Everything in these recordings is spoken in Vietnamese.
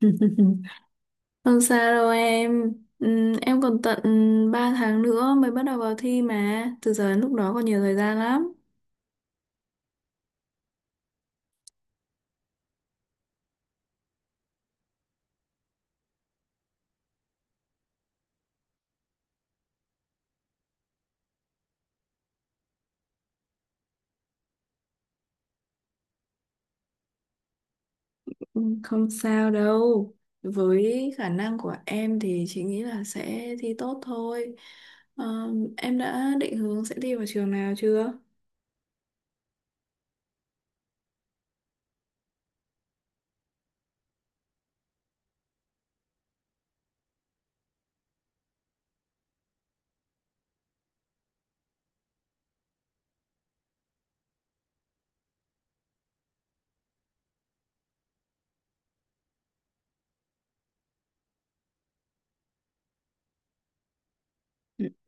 Không sao đâu em. Em còn tận 3 tháng nữa mới bắt đầu vào thi mà. Từ giờ đến lúc đó còn nhiều thời gian lắm. Không sao đâu. Với khả năng của em thì chị nghĩ là sẽ thi tốt thôi. Ờ, em đã định hướng sẽ thi vào trường nào chưa?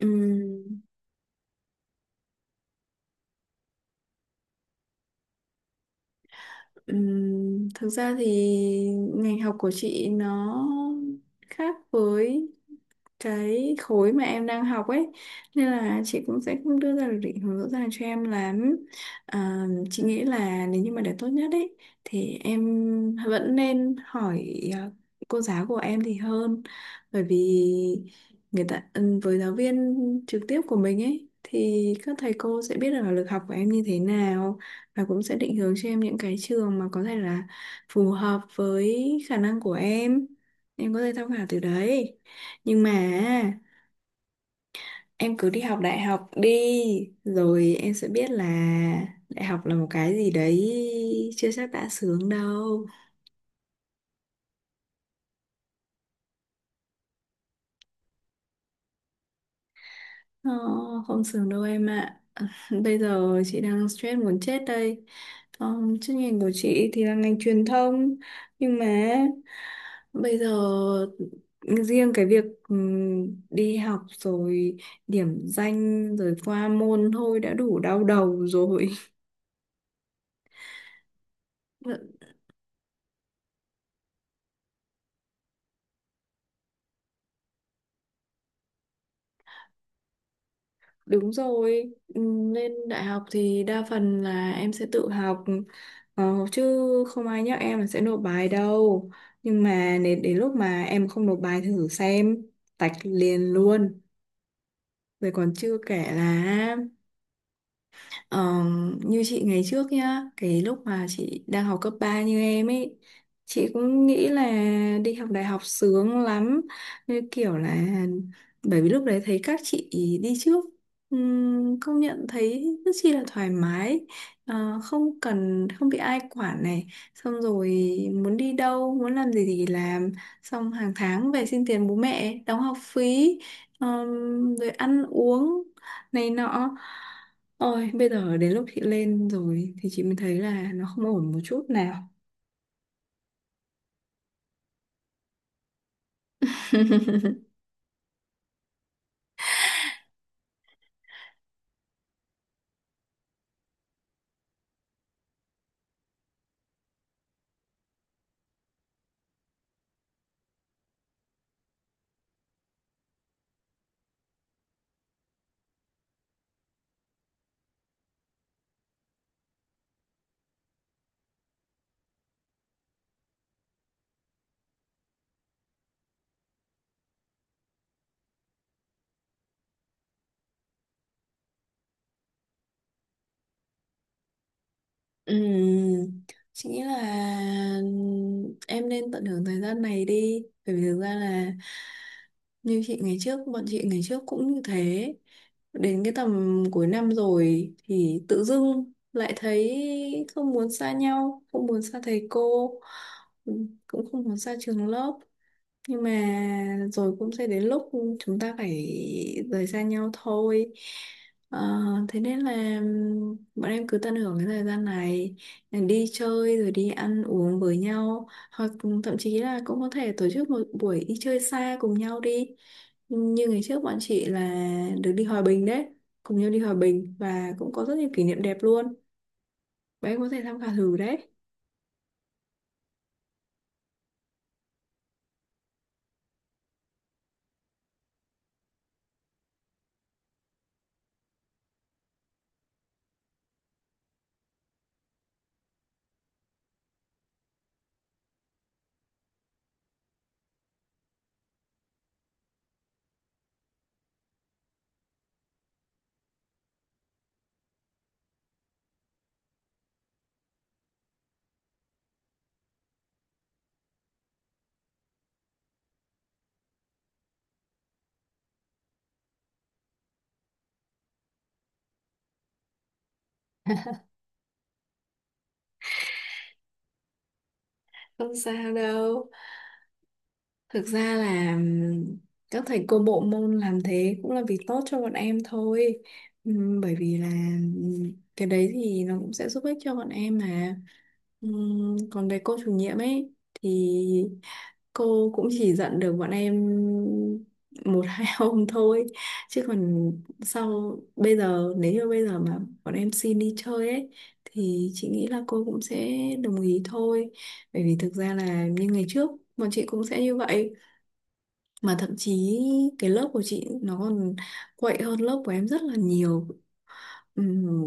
Ừm, thực ra thì ngành học của chị nó khác với cái khối mà em đang học ấy, nên là chị cũng sẽ không đưa ra được định hướng rõ ràng cho em lắm. Chị nghĩ là nếu như mà để tốt nhất ấy thì em vẫn nên hỏi cô giáo của em thì hơn, bởi vì người ta với giáo viên trực tiếp của mình ấy thì các thầy cô sẽ biết được là lực học của em như thế nào, và cũng sẽ định hướng cho em những cái trường mà có thể là phù hợp với khả năng của em. Em có thể tham khảo từ đấy. Nhưng mà em cứ đi học đại học đi, rồi em sẽ biết là đại học là một cái gì đấy chưa chắc đã sướng đâu. Ờ, Không sướng đâu em ạ. Bây giờ chị đang stress muốn chết đây. Chuyên ngành của chị thì là ngành truyền thông. Nhưng mà bây giờ riêng cái việc đi học rồi điểm danh rồi qua môn thôi đã đủ đau đầu rồi. Đúng rồi, lên đại học thì đa phần là em sẽ tự học, chứ không ai nhắc em là sẽ nộp bài đâu. Nhưng mà đến lúc mà em không nộp bài thử xem, tạch liền luôn. Rồi còn chưa kể là Ờ, như chị ngày trước nhá, cái lúc mà chị đang học cấp 3 như em ấy, chị cũng nghĩ là đi học đại học sướng lắm. Như kiểu là bởi vì lúc đấy thấy các chị đi trước, công nhận thấy rất chi là thoải mái. Không cần, không bị ai quản này, xong rồi muốn đi đâu, muốn làm gì thì làm, xong hàng tháng về xin tiền bố mẹ, đóng học phí, rồi ăn uống này nọ. Ôi bây giờ đến lúc chị lên rồi thì chị mới thấy là nó không ổn một chút nào. Ừm, chị nghĩ là em nên tận hưởng thời gian này đi, bởi vì thực ra là như chị ngày trước bọn chị ngày trước cũng như thế. Đến cái tầm cuối năm rồi thì tự dưng lại thấy không muốn xa nhau, không muốn xa thầy cô, cũng không muốn xa trường lớp, nhưng mà rồi cũng sẽ đến lúc chúng ta phải rời xa nhau thôi. Ờ, Thế nên là bọn em cứ tận hưởng cái thời gian này, đi chơi rồi đi ăn uống với nhau, hoặc thậm chí là cũng có thể tổ chức một buổi đi chơi xa cùng nhau đi. Như ngày trước bọn chị là được đi Hòa Bình đấy, cùng nhau đi Hòa Bình và cũng có rất nhiều kỷ niệm đẹp luôn. Bọn em có thể tham khảo thử đấy. Không sao đâu. Thực ra là các thầy cô bộ môn làm thế cũng là vì tốt cho bọn em thôi. Bởi vì là cái đấy thì nó cũng sẽ giúp ích cho bọn em mà. Còn về cô chủ nhiệm ấy thì cô cũng chỉ dặn được bọn em một hai hôm thôi. Chứ còn sau bây giờ, nếu như bây giờ mà bọn em xin đi chơi ấy thì chị nghĩ là cô cũng sẽ đồng ý thôi. Bởi vì thực ra là như ngày trước bọn chị cũng sẽ như vậy, mà thậm chí cái lớp của chị nó còn quậy hơn lớp của em rất là nhiều. Ừm,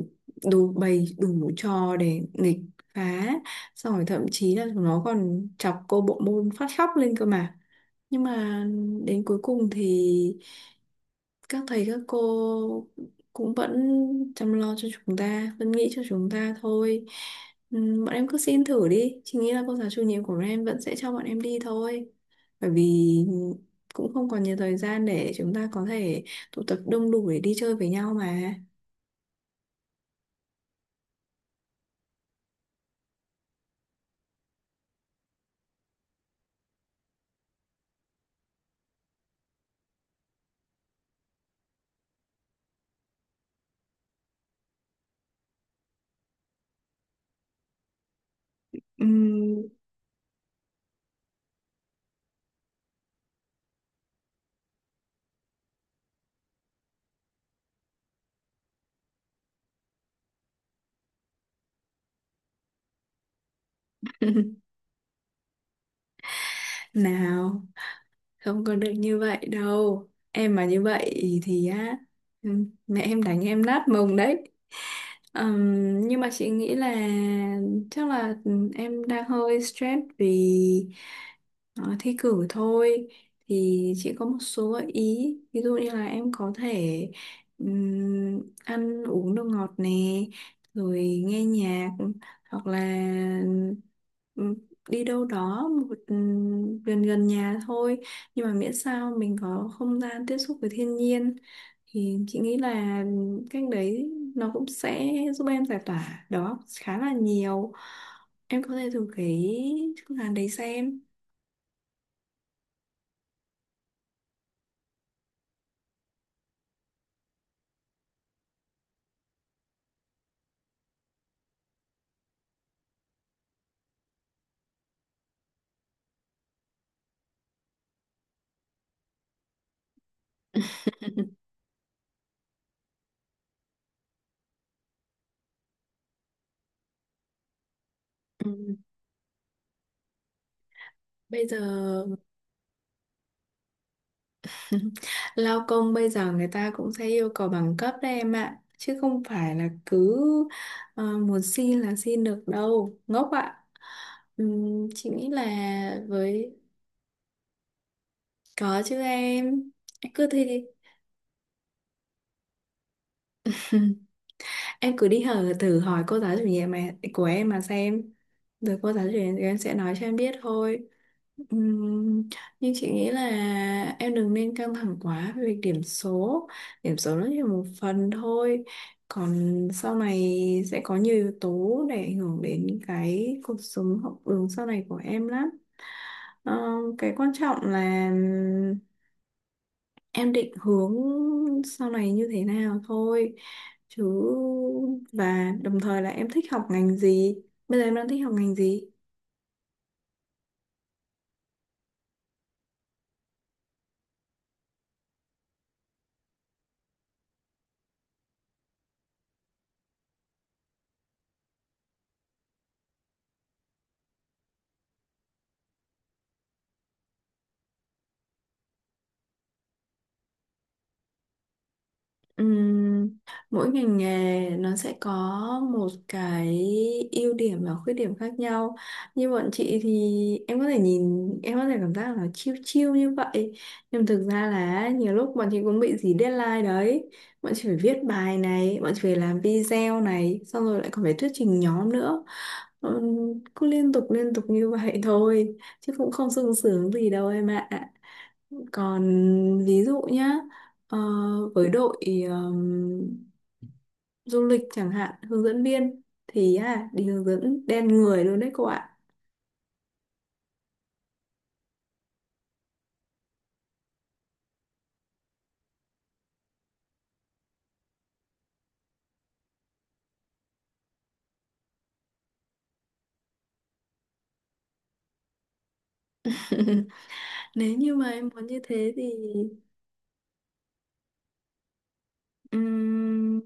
Đủ bày đủ trò để nghịch phá, xong rồi thậm chí là nó còn chọc cô bộ môn phát khóc lên cơ mà. Nhưng mà đến cuối cùng thì các thầy các cô cũng vẫn chăm lo cho chúng ta, vẫn nghĩ cho chúng ta thôi. Bọn em cứ xin thử đi, chị nghĩ là cô giáo chủ nhiệm của bọn em vẫn sẽ cho bọn em đi thôi, bởi vì cũng không còn nhiều thời gian để chúng ta có thể tụ tập đông đủ để đi chơi với nhau mà. Ừm, Nào, không có được như vậy đâu em, mà như vậy thì á, ừ, mẹ em đánh em nát mông đấy. Nhưng mà chị nghĩ là chắc là em đang hơi stress vì thi cử thôi, thì chị có một số gợi ý, ví dụ như là em có thể ăn uống đồ ngọt nè, rồi nghe nhạc, hoặc là ừ, đi đâu đó một gần gần nhà thôi, nhưng mà miễn sao mình có không gian tiếp xúc với thiên nhiên, thì chị nghĩ là cách đấy nó cũng sẽ giúp em giải tỏa đó khá là nhiều. Em có thể thử cái phương án đấy xem. Ừ. Bây giờ lao công bây giờ người ta cũng sẽ yêu cầu bằng cấp đấy em ạ. Chứ không phải là cứ muốn xin là xin được đâu. Ngốc ạ. Chị nghĩ là với... Có chứ em. Em cứ thi đi. Em cứ đi hở thử hỏi cô giáo chủ nhiệm mà, của em mà xem. Rồi cô giáo chủ nhiệm em sẽ nói cho em biết thôi. Ừm, nhưng chị nghĩ là em đừng nên căng thẳng quá về việc điểm số. Điểm số nó chỉ là một phần thôi, còn sau này sẽ có nhiều yếu tố để ảnh hưởng đến cái cuộc sống học đường sau này của em lắm. Ờ, cái quan trọng là em định hướng sau này như thế nào thôi chứ, và đồng thời là em thích học ngành gì, bây giờ em đang thích học ngành gì. Ừm, Mỗi ngành nghề nó sẽ có một cái ưu điểm và khuyết điểm khác nhau. Như bọn chị thì em có thể nhìn, em có thể cảm giác là nó chill chill như vậy. Nhưng thực ra là nhiều lúc bọn chị cũng bị dí deadline đấy. Bọn chị phải viết bài này, bọn chị phải làm video này, xong rồi lại còn phải thuyết trình nhóm nữa. Ừm, Cứ liên tục như vậy thôi, chứ cũng không sung sướng gì đâu em ạ. Còn ví dụ nhá, ờ, với đội ờm, du lịch chẳng hạn, hướng dẫn viên, thì đi hướng dẫn đen người luôn đấy cô ạ. Nếu như mà em muốn như thế thì ừm,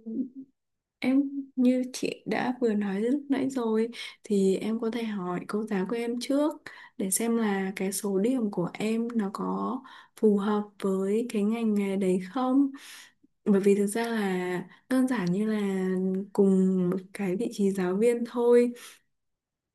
em như chị đã vừa nói lúc nãy rồi, thì em có thể hỏi cô giáo của em trước để xem là cái số điểm của em nó có phù hợp với cái ngành nghề đấy không, bởi vì thực ra là đơn giản như là cùng một cái vị trí giáo viên thôi,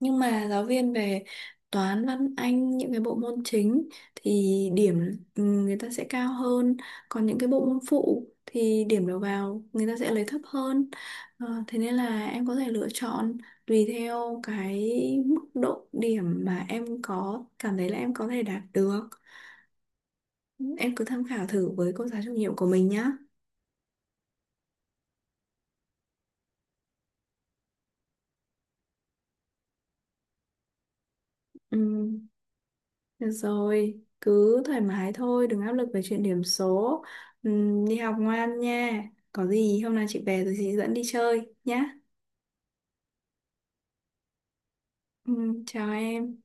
nhưng mà giáo viên về toán văn anh những cái bộ môn chính thì điểm người ta sẽ cao hơn, còn những cái bộ môn phụ thì điểm đầu vào người ta sẽ lấy thấp hơn. Thế nên là em có thể lựa chọn tùy theo cái mức độ điểm mà em có cảm thấy là em có thể đạt được. Em cứ tham khảo thử với cô giáo chủ nhiệm của mình nhá. Ừ. Được rồi, cứ thoải mái thôi, đừng áp lực về chuyện điểm số. Đi học ngoan nha. Có gì hôm nào chị về rồi chị dẫn đi chơi nhá. Chào em.